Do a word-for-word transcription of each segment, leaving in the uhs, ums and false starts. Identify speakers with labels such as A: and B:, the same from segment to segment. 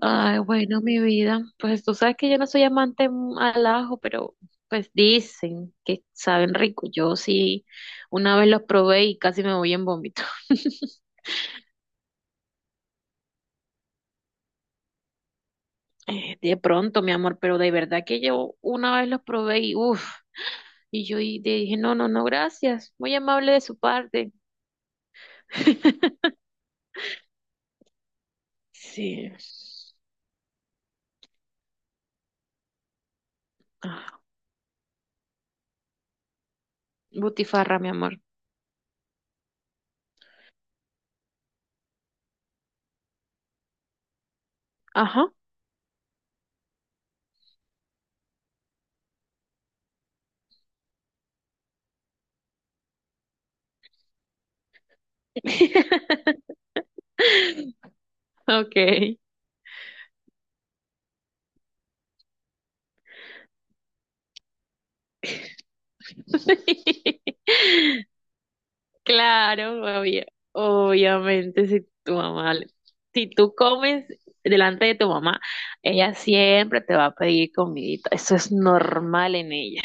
A: Ay, bueno, mi vida, pues tú sabes que yo no soy amante mm, al ajo, pero pues dicen que saben rico. Yo sí, una vez los probé y casi me voy en vómito. Eh, De pronto, mi amor, pero de verdad que yo una vez los probé y uff, y yo y dije, no, no, no, gracias, muy amable de su parte. Sí. Ah, butifarra, mi amor. Ajá. Ok. Claro, obvia- obviamente si tu mamá, le- si tú comes delante de tu mamá, ella siempre te va a pedir comidita. Eso es normal en ella.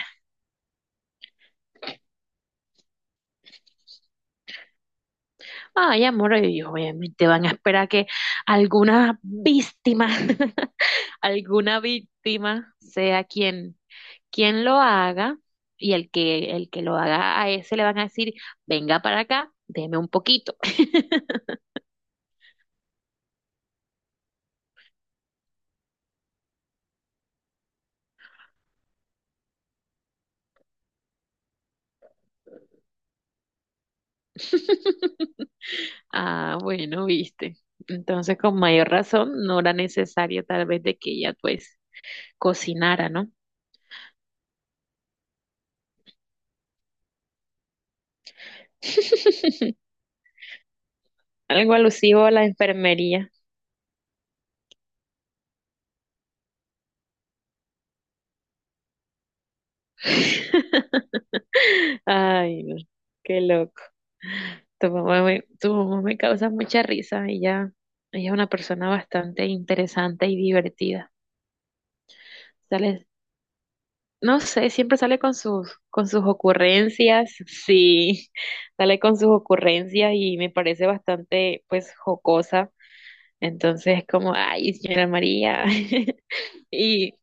A: Ay, amor, ellos obviamente van a esperar que alguna víctima, alguna víctima sea quien, quien lo haga y el que, el que lo haga, a ese le van a decir, venga para acá, deme un poquito. Ah, bueno, viste. Entonces, con mayor razón, no era necesario tal vez de que ella pues cocinara, ¿no? Algo alusivo a la enfermería. Ay, no, qué loco. Tu mamá me, tu mamá me causa mucha risa. Ella, ella es una persona bastante interesante y divertida. Sale, no sé, siempre sale con sus, con sus ocurrencias. Sí, sale con sus ocurrencias y me parece bastante, pues, jocosa. Entonces, como, ay, señora María. Y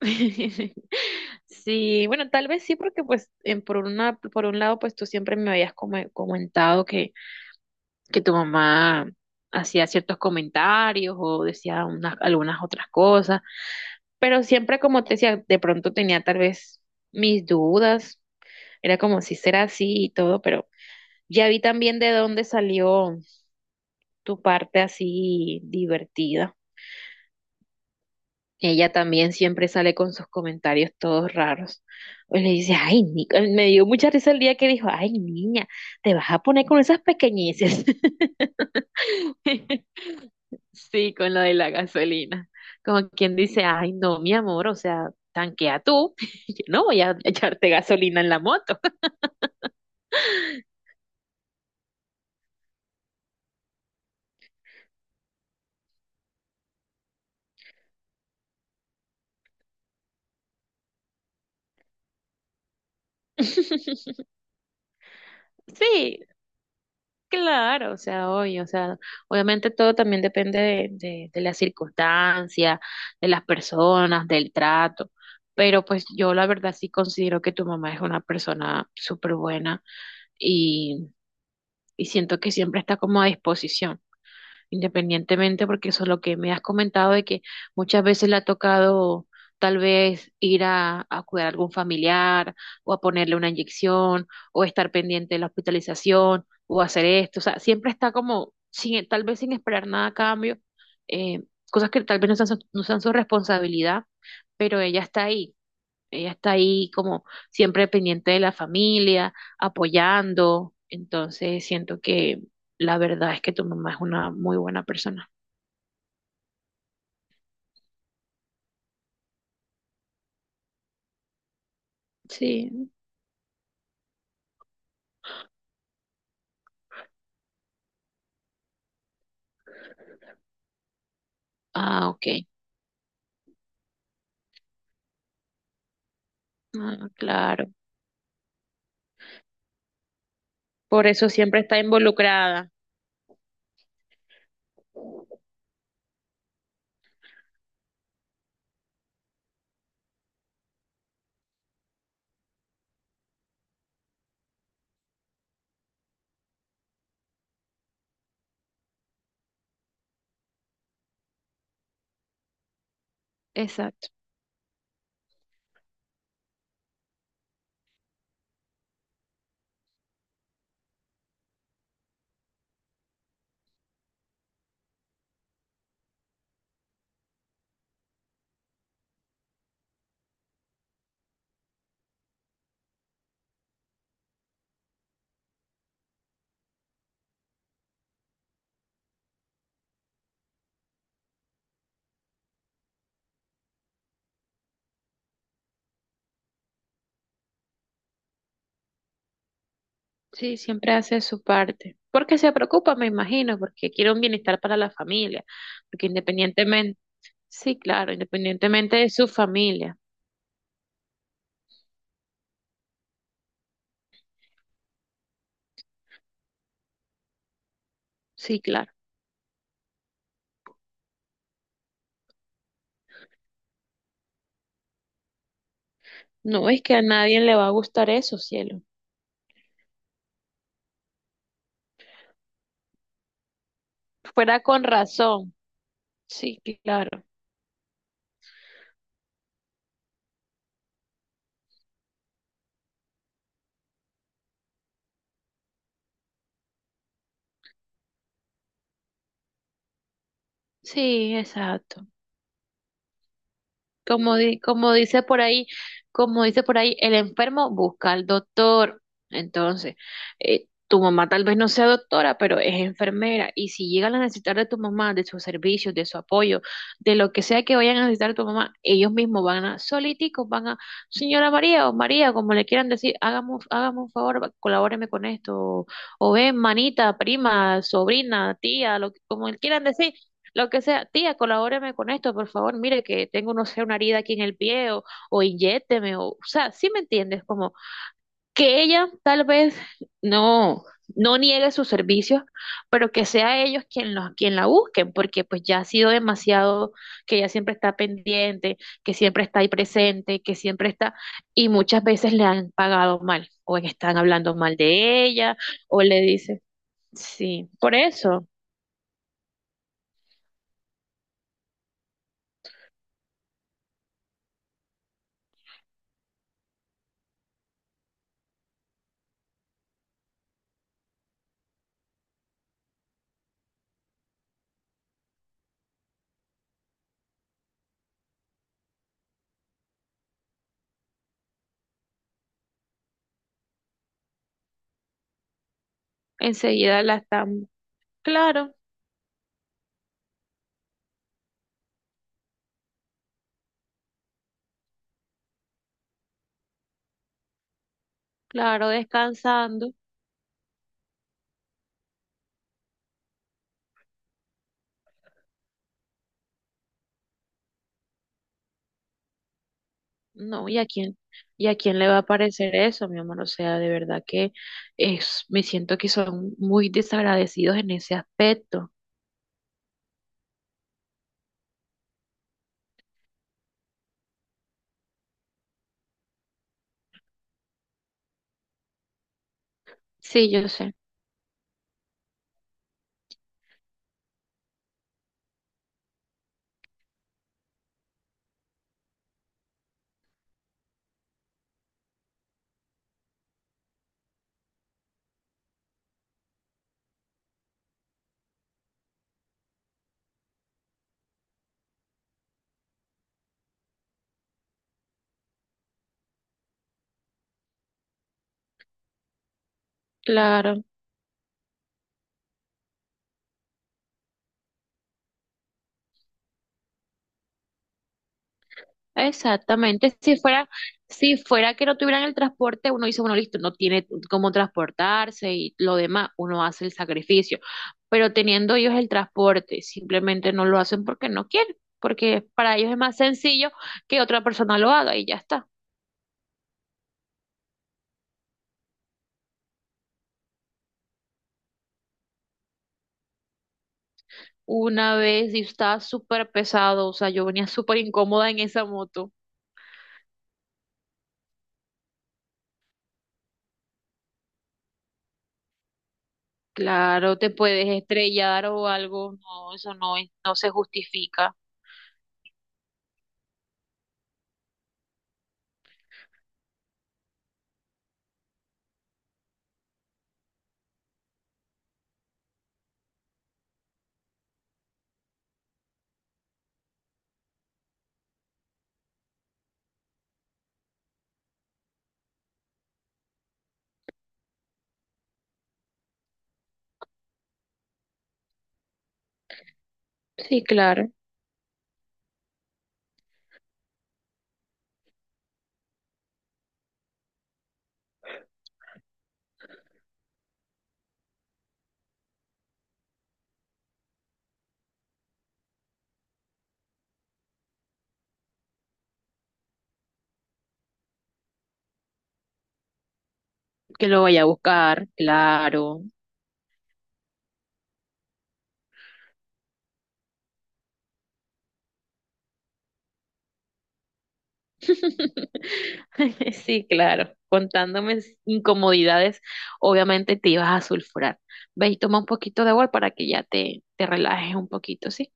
A: sí, bueno, tal vez sí, porque pues en- por una, por un lado, pues tú siempre me habías come- comentado que, que tu mamá hacía ciertos comentarios o decía unas, algunas otras cosas, pero siempre como te decía, de pronto tenía tal vez mis dudas, era como si será así y todo, pero ya vi también de dónde salió tu parte así divertida. Ella también siempre sale con sus comentarios todos raros. Pues le dice, ay, ni-". me dio mucha risa el día que dijo, ay, niña, te vas a poner con esas pequeñeces. Sí, con lo de la gasolina. Como quien dice, ay, no, mi amor, o sea, tanquea tú. Yo no voy a echarte gasolina en la moto. Sí, claro, o sea, hoy, o sea, obviamente todo también depende de, de, de las circunstancias, de las personas, del trato, pero pues yo la verdad sí considero que tu mamá es una persona súper buena y, y siento que siempre está como a disposición independientemente, porque eso es lo que me has comentado de que muchas veces le ha tocado tal vez ir a, a cuidar a algún familiar o a ponerle una inyección o estar pendiente de la hospitalización o hacer esto, o sea, siempre está como sin, tal vez sin esperar nada a cambio, eh, cosas que tal vez no sean su- no sean su responsabilidad, pero ella está ahí. Ella está ahí como siempre pendiente de la familia, apoyando. Entonces siento que la verdad es que tu mamá es una muy buena persona. Sí. Ah, ok. Ah, claro. Por eso siempre está involucrada. Exacto. Sí, siempre hace su parte. Porque se preocupa, me imagino, porque quiere un bienestar para la familia. Porque independientemente, sí, claro, independientemente de su familia. Sí, claro. No es que a nadie le va a gustar eso, cielo. Fuera con razón. Sí, claro. Sí, exacto. Como, di- como dice por ahí, como dice por ahí, el enfermo busca al doctor. Entonces, eh, tu mamá tal vez no sea doctora, pero es enfermera. Y si llegan a necesitar de tu mamá, de sus servicios, de su apoyo, de lo que sea que vayan a necesitar de tu mamá, ellos mismos van a, soliticos, van a, señora María o María, como le quieran decir, hágame, un- hágame un favor, va- colabóreme con esto. O, o ven, manita, prima, sobrina, tía, lo que, como le quieran decir lo que sea, tía, colabóreme con esto, por favor, mire que tengo, no sé, una herida aquí en el pie o, o inyécteme, o, o sea, sí me entiendes, como que ella tal vez no, no niegue sus servicios, pero que sea ellos quien, los, quien la busquen, porque pues ya ha sido demasiado, que ella siempre está pendiente, que siempre está ahí presente, que siempre está, y muchas veces le han pagado mal, o están hablando mal de ella, o le dicen, sí, por eso, enseguida la están, claro. Claro, descansando. No, ¿y a quién? ¿Y a quién le va a parecer eso, mi amor? O sea, de verdad que es, me siento que son muy desagradecidos en ese aspecto. Sí, yo sé. Claro, exactamente. Si fuera, si fuera que no tuvieran el transporte, uno dice, bueno, listo, no tiene cómo transportarse y lo demás, uno hace el sacrificio. Pero teniendo ellos el transporte, simplemente no lo hacen porque no quieren, porque para ellos es más sencillo que otra persona lo haga y ya está. Una vez y estaba súper pesado, o sea, yo venía súper incómoda en esa moto. Claro, te puedes estrellar o algo, no, eso no es- no se justifica. Sí, claro, que lo vaya a buscar, claro. Sí, claro, contándome s- incomodidades, obviamente te ibas a sulfurar. Ve y toma un poquito de agua para que ya te, te relajes un poquito, ¿sí?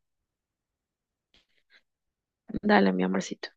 A: Dale, mi amorcito.